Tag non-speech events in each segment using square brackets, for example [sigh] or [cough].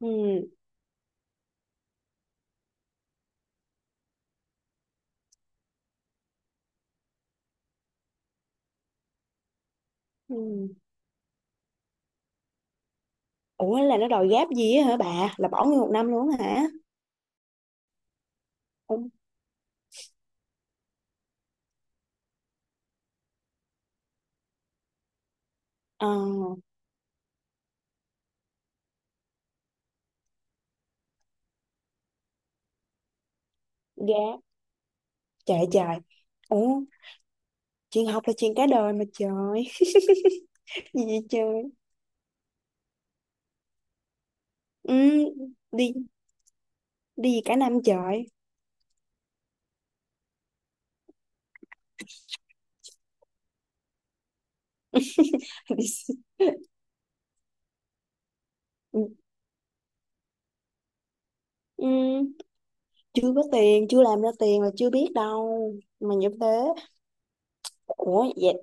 Ừ, ừ. Ủa, là nó đòi gáp gì á hả bà, là bỏ nguyên một năm luôn á hả? Ủa, ờ gáp. Trời, trời. Ủa, chuyện học là chuyện cả đời mà trời. [laughs] Gì vậy trời. Ừ, đi đi cả năm trời. [laughs] Đi xin- ừ. Ừ, chưa có tiền chưa làm ra tiền là chưa biết đâu. Mà như thế. Ủa vậy.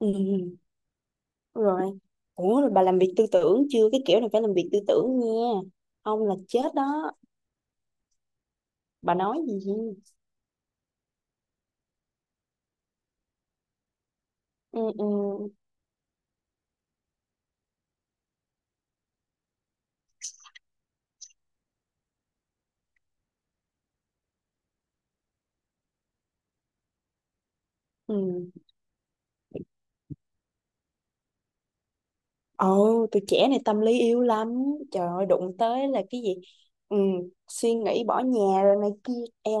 Ừ, rồi. Ủa rồi bà làm việc tư tưởng chưa, cái kiểu này phải làm việc tư tưởng nha. Ông là chết đó. Bà nói gì. Ừ, ừ. Ừ. Ồ, tụi trẻ này tâm lý yếu lắm. Trời ơi đụng tới là cái gì. Ừ, suy nghĩ bỏ nhà rồi này kia. Em.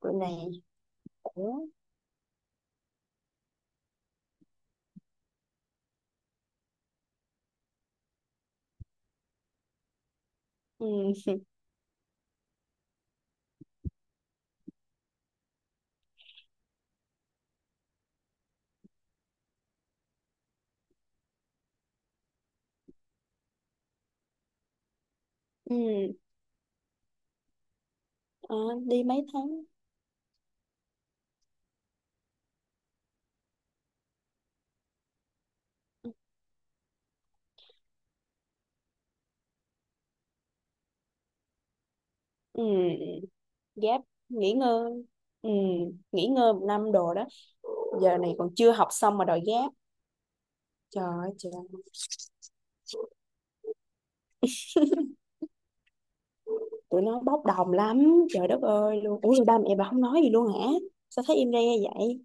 Rồi này. Ủa. Ừ. [laughs] Ừ. Ờ, đi mấy tháng. Ừ. Gap. Nghỉ ngơi. Ừ, nghỉ ngơi một năm đồ đó. Giờ này còn chưa học xong mà đòi gap. Trời ơi trời. Tụi nó bốc đồng lắm trời đất ơi luôn. Ủa rồi ba mẹ bà không nói gì luôn hả? Sao thấy im re vậy?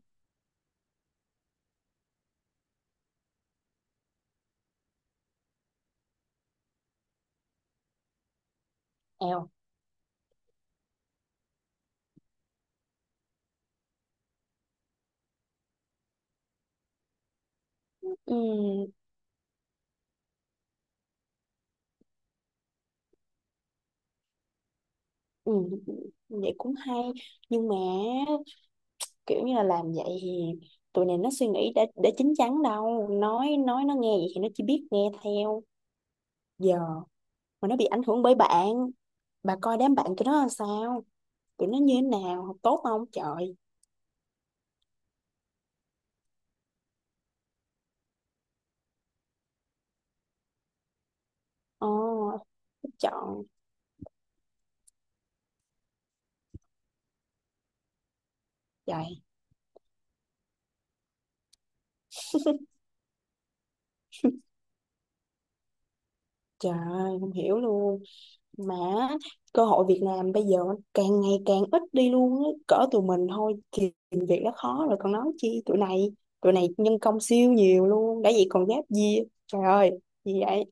Èo. Ừ. Ừ, vậy cũng hay. Nhưng mà kiểu như là làm vậy thì tụi này nó suy nghĩ đã chín chắn đâu, nói nó nghe vậy thì nó chỉ biết nghe theo. Giờ mà nó bị ảnh hưởng bởi bạn. Bà coi đám bạn tụi nó là sao. Tụi nó như thế nào, học tốt không trời? Ồ. Oh, chọn. Trời, trời, không hiểu luôn. Mà cơ hội việc làm bây giờ càng ngày càng ít đi luôn á, cỡ tụi mình thôi thì tìm việc đã khó rồi còn nói chi tụi này. Tụi này nhân công siêu nhiều luôn, đã vậy còn giáp gì. Trời ơi, gì vậy.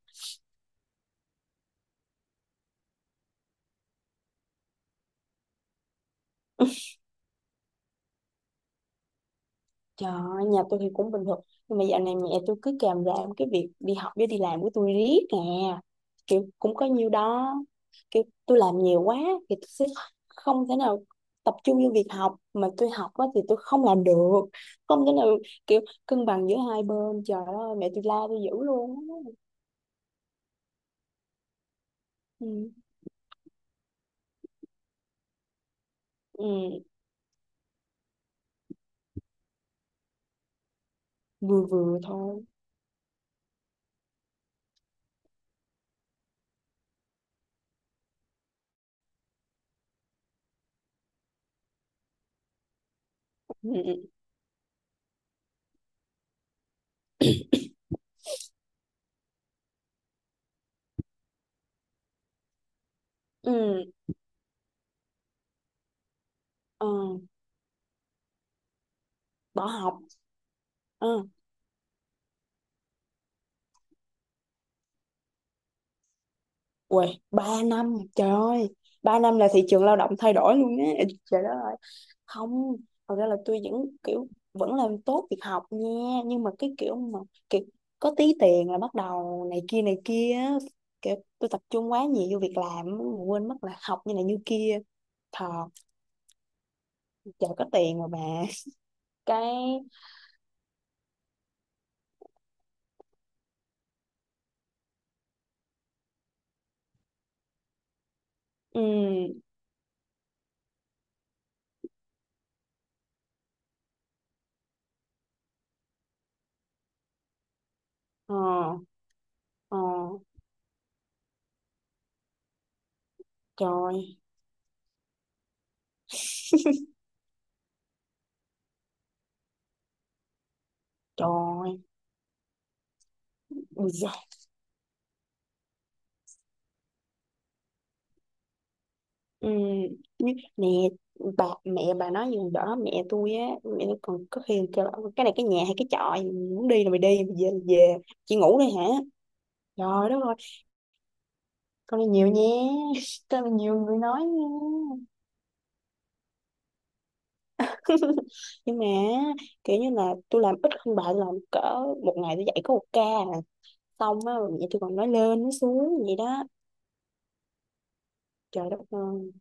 Trời ơi, nhà tôi thì cũng bình thường nhưng mà dạo này mẹ tôi cứ kèm làm cái việc đi học với đi làm của tôi riết nè. Kiểu cũng có nhiêu đó, kiểu tôi làm nhiều quá thì tôi sẽ không thể nào tập trung vô việc học, mà tôi học á thì tôi không làm được, không thể nào kiểu cân bằng giữa hai bên. Trời ơi mẹ tôi la tôi dữ luôn á. Ừ. Ừ, vừa vừa thôi. Ừ. Ừ. Ừ. Ờ, bỏ học. Ừ. Uầy, 3 năm, trời ơi, 3 năm là thị trường lao động thay đổi luôn á, trời đất ơi, không, thật ra là tôi vẫn, kiểu, vẫn làm tốt việc học nha, nhưng mà cái kiểu mà, kiểu, có tí tiền là bắt đầu này kia, á. Kiểu, tôi tập trung quá nhiều vô việc làm, á, mà quên mất là học như này như kia, thật, trời có tiền mà bà, cái, ừ, ờ, ờ, trời, [laughs] trời, ui da. Ừ, mẹ. Bà mẹ bà nói gì đó mẹ tôi á, mẹ tôi còn có khi kêu là "Ôi, cái này cái nhà hay cái chợ, muốn đi là mày đi mày về là về, chị ngủ đây hả?" Trời đất ơi. Con này nhiều nha. [laughs] Con này nhiều người nói nha. [laughs] Nhưng mà kiểu như là tôi làm ít hơn bà, tôi làm cỡ một ngày tôi dạy có một ca. À. Xong á, mẹ tôi còn nói lên nói xuống vậy đó. Trời đất ơi.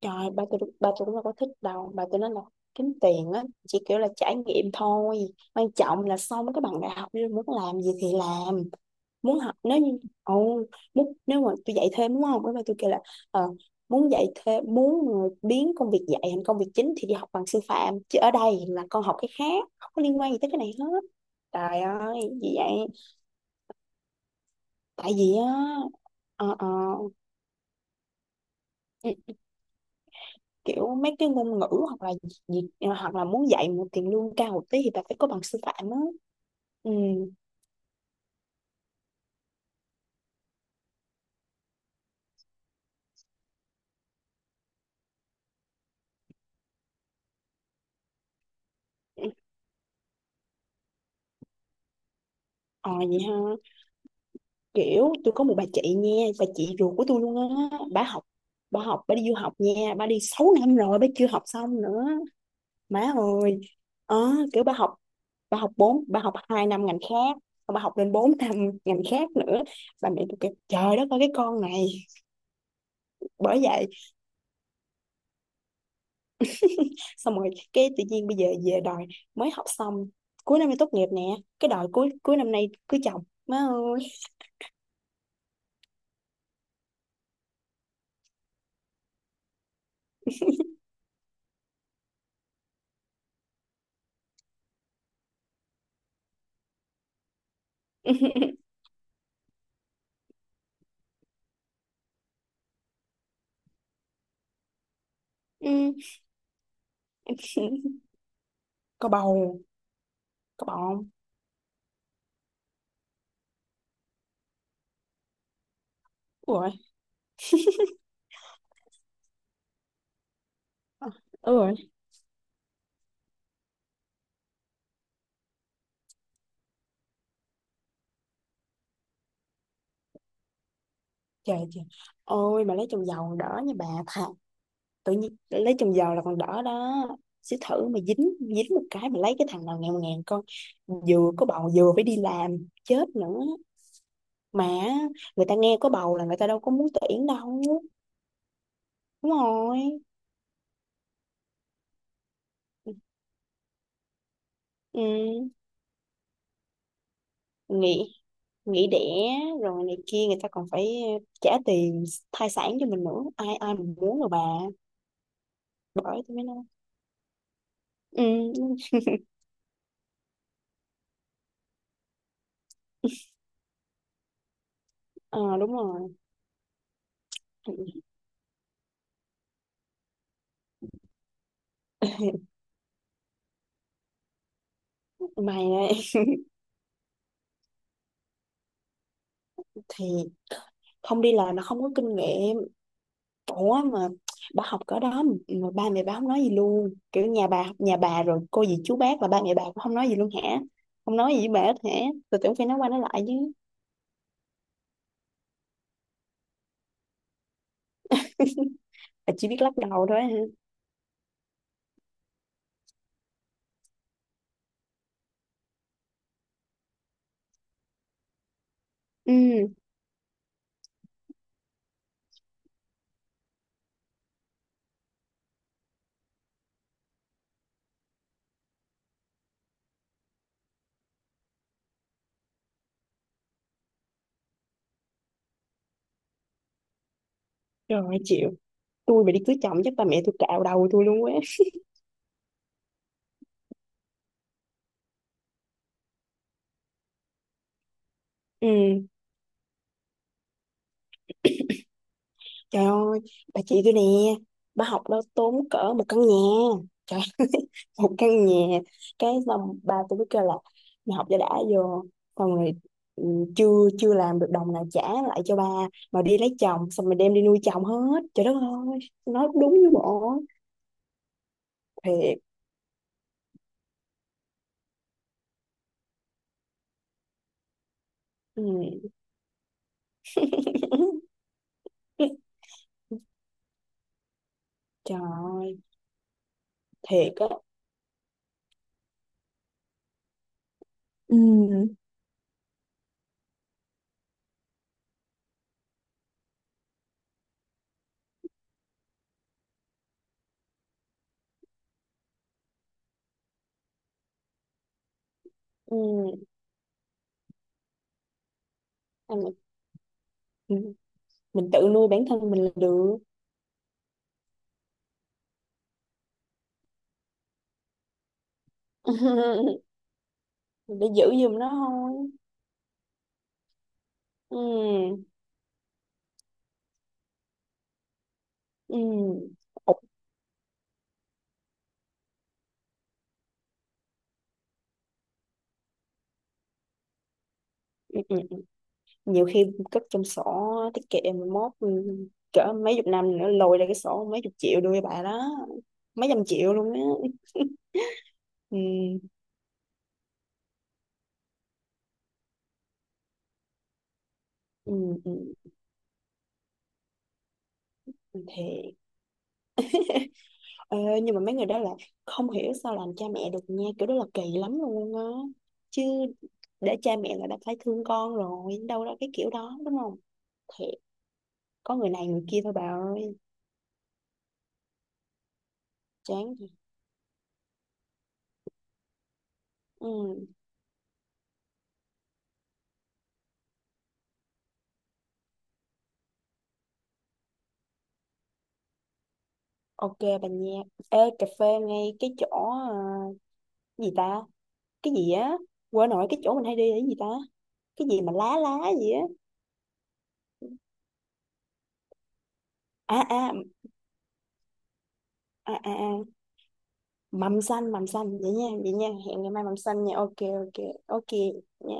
Trời, bà tôi cũng đâu có thích đâu. Bà tôi nói là kiếm tiền á, chỉ kiểu là trải nghiệm thôi. Quan trọng là xong cái bằng đại học đi muốn làm gì thì làm. Muốn học, nếu như, ồ, muốn, nếu mà tôi dạy thêm đúng không? Cái bà tôi kêu là, ờ, muốn dạy thêm, muốn mà biến công việc dạy thành công việc chính thì đi học bằng sư phạm. Chứ ở đây là con học cái khác, không có liên quan gì tới cái này hết. Trời ơi, gì vậy? Tại vì á, ờ, ờ, ừ, kiểu mấy cái ngôn ngữ hoặc là gì hoặc là muốn dạy một tiền lương cao một tí thì bà phải có bằng sư phạm á. Ừ. Ờ, vậy ha. Kiểu tôi có một bà chị nha, bà chị ruột của tôi luôn á, bà đi du học nha, bà đi 6 năm rồi bà chưa học xong nữa. Má ơi. ờ Kiểu bà học bà học 2 năm ngành khác, xong bà học lên 4 năm ngành khác nữa. Bà mẹ tôi kêu trời đất ơi cái con này. Bởi vậy, xong rồi cái tự nhiên bây giờ về đòi, mới học xong, cuối năm nay tốt nghiệp nè, cái đòi cuối cuối năm nay cưới chồng má ơi. [laughs] Ừ. Có bầu. Có bầu không? Ủa rồi. Ủa rồi. Trời, trời. Ôi mà lấy chồng giàu còn đỡ nha bà, thà tự nhiên lấy chồng giàu là còn đỡ đó. Sẽ thử mà dính dính một cái mà lấy cái thằng nào nghèo ngàn con, vừa có bầu vừa phải đi làm chết nữa mà. Người ta nghe có bầu là người ta đâu có muốn tuyển đâu. Đúng rồi. Ừ, nghỉ nghỉ đẻ rồi này kia, người ta còn phải trả tiền thai sản cho mình nữa, ai ai mình muốn rồi bà. Bởi tôi mới nói. Ừ, ờ, đúng rồi. Mày ấy. [laughs] Thì không đi làm là không có kinh nghiệm. Ủa mà bà học cỡ đó mà, ba mẹ bà không nói gì luôn, kiểu nhà bà rồi cô dì chú bác, là ba mẹ bà cũng không nói gì luôn hả? Không nói gì với bà hết hả? Tôi tưởng phải nói qua nói lại chứ. Bà chỉ biết lắc đầu thôi hả? Ừ. Rồi chịu. Tôi mà đi cưới chồng chắc ba mẹ tôi cạo đầu tôi luôn quá. Ừ, trời ơi, bà chị tôi nè, bà học đó tốn cỡ một căn nhà, trời ơi, [laughs] một căn nhà, cái xong bà tôi cứ kêu là mày học cho đã vô, xong rồi ừ, chưa chưa làm được đồng nào trả lại cho ba, mà đi lấy chồng, xong rồi đem đi nuôi chồng hết, trời đất ơi, nói đúng với bộ, thiệt, ừ. [laughs] Trời ơi, thiệt á. Ừ. Ừ. Anh- mình tự nuôi bản thân mình là được. [laughs] Để giữ giùm nó thôi. Ừ. Ừ. Ủa, ừ, ừ, nhiều khi cất trong sổ tiết kiệm mà mốt, ừ, cỡ mấy chục năm nữa lôi ra cái sổ mấy chục triệu đưa cho bà đó. Mấy trăm triệu luôn á. Ừ. Ừ. Ừ. Thì ờ, nhưng mà mấy người đó là không hiểu sao làm cha mẹ được nha, kiểu đó là kỳ lắm luôn á. Chứ để cha mẹ là đã phải thương con rồi, đâu ra cái kiểu đó đúng không. Thiệt, có người này người kia thôi bà ơi. Chán thiệt. Ừ. Ok bà nha. Ê, cà phê ngay cái chỗ gì ta? Cái gì á? Quên nổi cái chỗ mình hay đi là cái gì ta? Cái gì mà lá lá gì á? À à. À à, à. Mầm xanh vậy nha, vậy nha. Hẹn ngày mai mầm xanh nha. Ok ok ok nha.